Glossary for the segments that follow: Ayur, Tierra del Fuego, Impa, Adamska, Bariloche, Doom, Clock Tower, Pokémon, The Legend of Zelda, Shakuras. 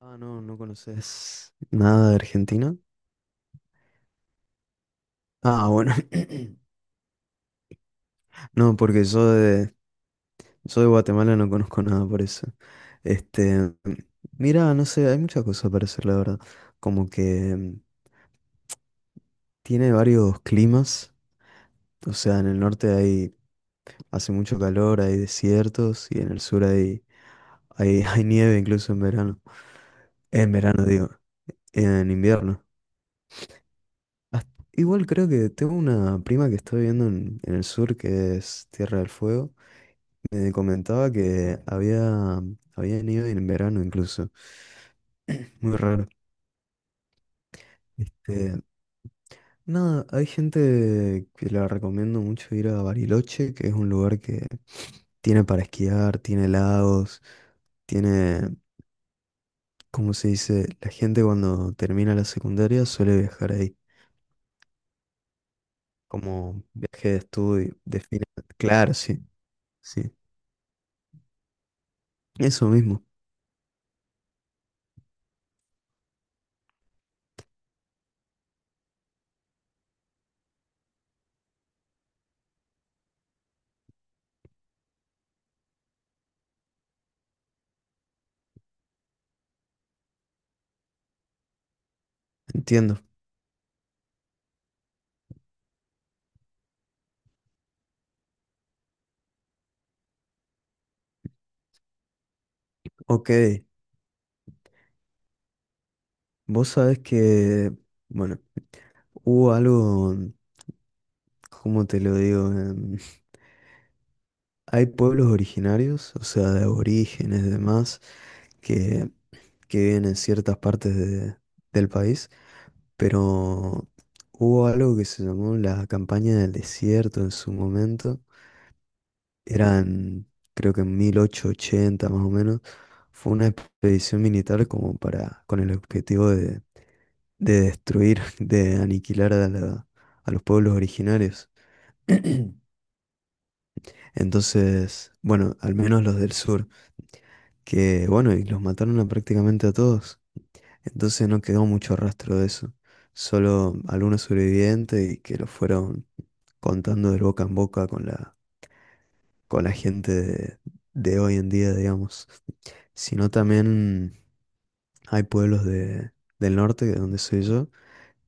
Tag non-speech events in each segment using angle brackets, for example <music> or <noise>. Ah, no, no conoces nada de Argentina. Ah, bueno. <clears throat> No, porque yo de Guatemala no conozco nada por eso. Este, mira, no sé, hay muchas cosas para hacer, la verdad. Como que mm, tiene varios climas. O sea, en el norte hay, hace mucho calor, hay desiertos, y en el sur <laughs> hay nieve incluso en verano. En verano, digo, en invierno. Hasta- Igual creo que tengo una prima que está viviendo en el sur, que es Tierra del Fuego. Me habían ido en verano incluso. Muy raro. Este, nada, hay gente que la recomiendo mucho ir a Bariloche, que es un lugar que tiene para esquiar, tiene lagos, tiene, ¿cómo se dice? La gente cuando termina la secundaria suele viajar ahí, como viaje de estudio, de final. Claro, sí, sí. Eso mismo, entiendo. Ok, vos sabés bueno, hubo ¿cómo te lo digo? <laughs> Hay pueblos originarios, o sea, de aborígenes y demás, que, que viven en ciertas partes de- del país, pero hubo algo que se llamó la campaña del desierto en su momento. Eran, creo que en 1880 más o menos, fue una expedición militar como para, con el objetivo de destruir, de aniquilar a, la- a los pueblos originarios. <clears throat> Entonces, bueno, al menos los del sur, que bueno, y los mataron a prácticamente a todos. Entonces no quedó mucho rastro de eso. Solo algunos sobrevivientes y que lo fueron contando de boca en boca con con la gente de hoy en día, digamos. Sino también hay pueblos del norte, de donde soy yo,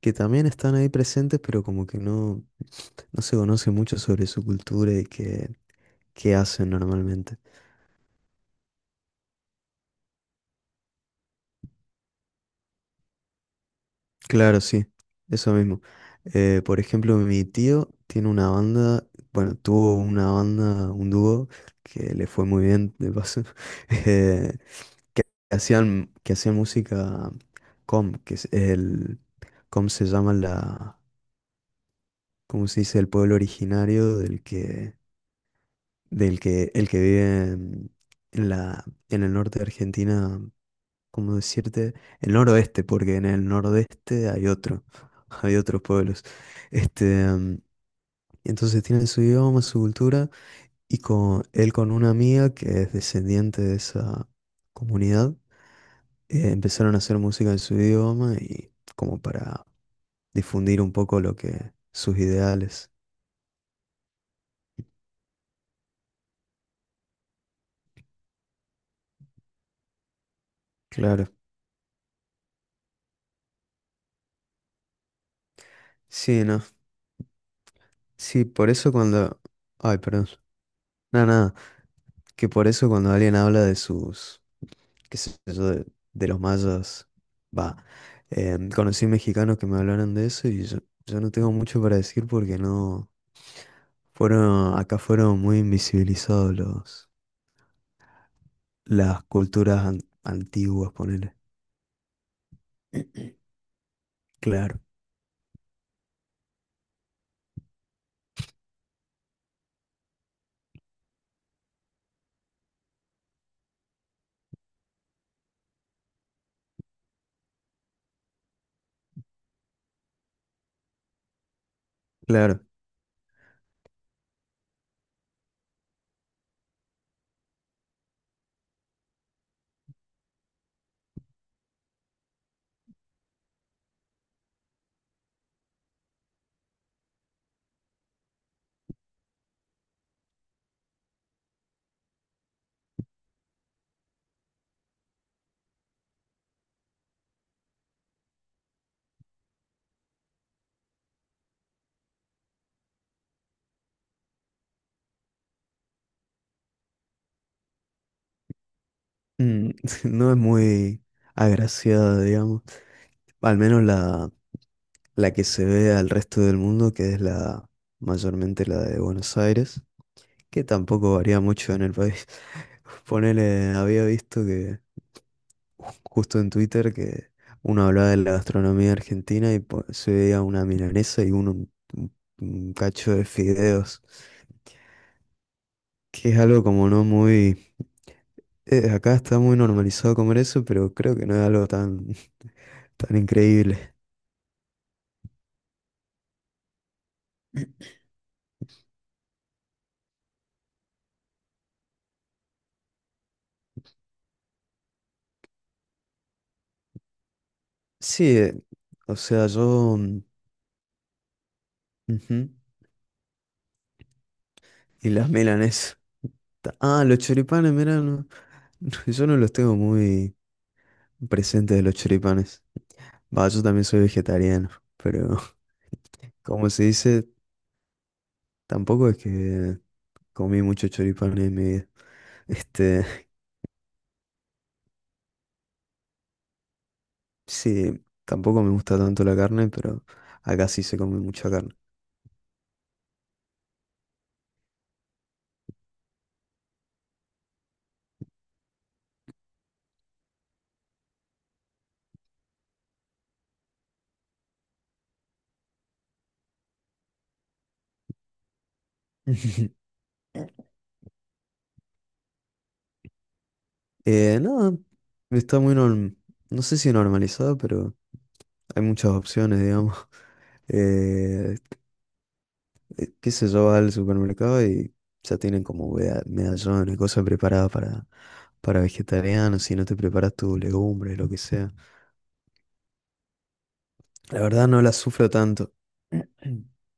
que también están ahí presentes, pero como que no, no se conoce mucho sobre su cultura qué hacen normalmente. Claro, sí, eso mismo. Por ejemplo, mi tío tiene una banda, bueno, tuvo una banda, un dúo, que le fue muy bien, de paso, <laughs> eh, que hacían música que es el, com se llama la, ¿cómo se dice? El pueblo originario del que vive en la, en el norte de Argentina, ¿cómo decirte? El noroeste, porque en el nordeste hay otro, <laughs> hay otros pueblos. Este, em, entonces tienen su idioma, su cultura, y con él con una amiga que es descendiente de esa comunidad, empezaron a hacer música en su idioma y como para difundir un poco lo que sus ideales. Claro. Sí, no. Sí, por eso cuando... Ay, perdón. Nada, nada. Que por eso cuando alguien habla de sus, qué sé yo, de los mayas, va, conocí mexicanos que me hablaron de eso yo no tengo mucho para decir porque no, fueron, acá fueron muy invisibilizados los, las culturas an- antiguas, ponele. <clears throat> Claro, claro. Mm, <laughs> No es muy agraciada, digamos. Al menos la que se ve al resto del mundo, que es la mayormente la de Buenos Aires, que tampoco varía mucho en el país. <laughs> Ponele, había visto que ju- justo en Twitter que uno hablaba de la gastronomía argentina y po- se veía una milanesa y uno un cacho de fideos, que es algo como no muy... acá está muy normalizado comer eso, pero creo que no es algo tan, <laughs> tan increíble. <clears throat> Sí, eh, o sea, ujú. Y las milanesas. Ah, los choripanes, mirá, no- <laughs> yo no los tengo muy presentes de los choripanes. Va, yo también soy vegetariano, pero <laughs> como se dice, tampoco es que comí mucho choripanes en mi vida. Este, <laughs> sí, tampoco me gusta tanto la carne, pero acá sí se come mucha carne. <laughs> Nada, está muy norm... no sé si normalizado, pero hay muchas opciones, digamos. <laughs> Eh, qué sé yo, va al supermercado y ya tienen como vea- medallones, cosas preparadas para vegetarianos, si no te preparas tus legumbres, lo que sea. La verdad no la sufro tanto. <clears throat>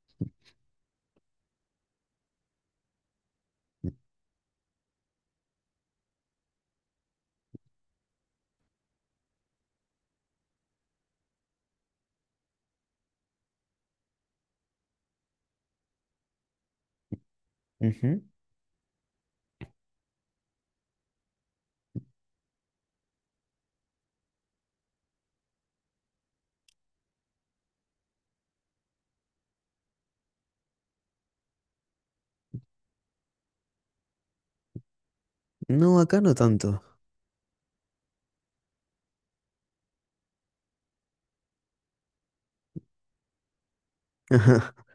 Ujú. No, acá no tanto. <laughs>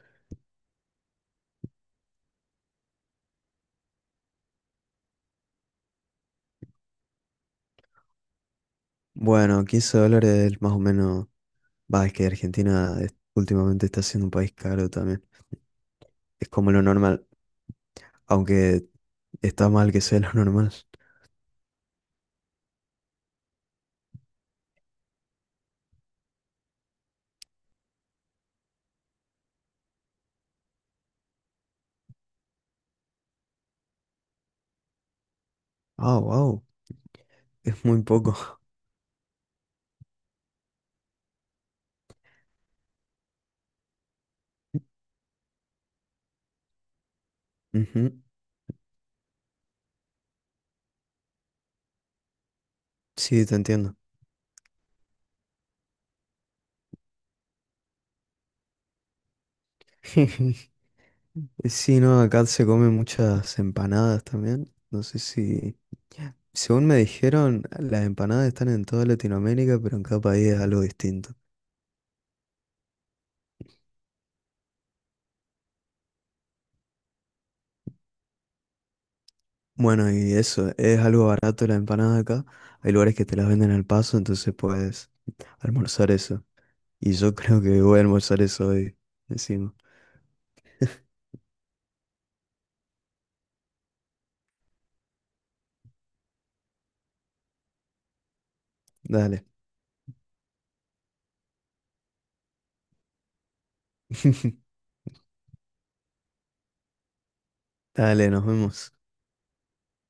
Bueno, 15 dólares más o menos. Va, es que Argentina es- últimamente está siendo un país caro también. Es como lo normal, aunque está mal que sea lo normal. Ah, wow, es muy poco. <laughs> Ujú. Sí, te entiendo. <laughs> Sí, no, acá se comen muchas empanadas también. No sé si, según me dijeron, las empanadas están en toda Latinoamérica, pero en cada país es algo distinto. Bueno, y eso, es algo barato la empanada acá. Hay lugares que te las venden al paso, entonces puedes almorzar eso. Y yo <laughs> creo que voy a almorzar eso hoy, encima. Dale, <laughs> dale, nos vemos.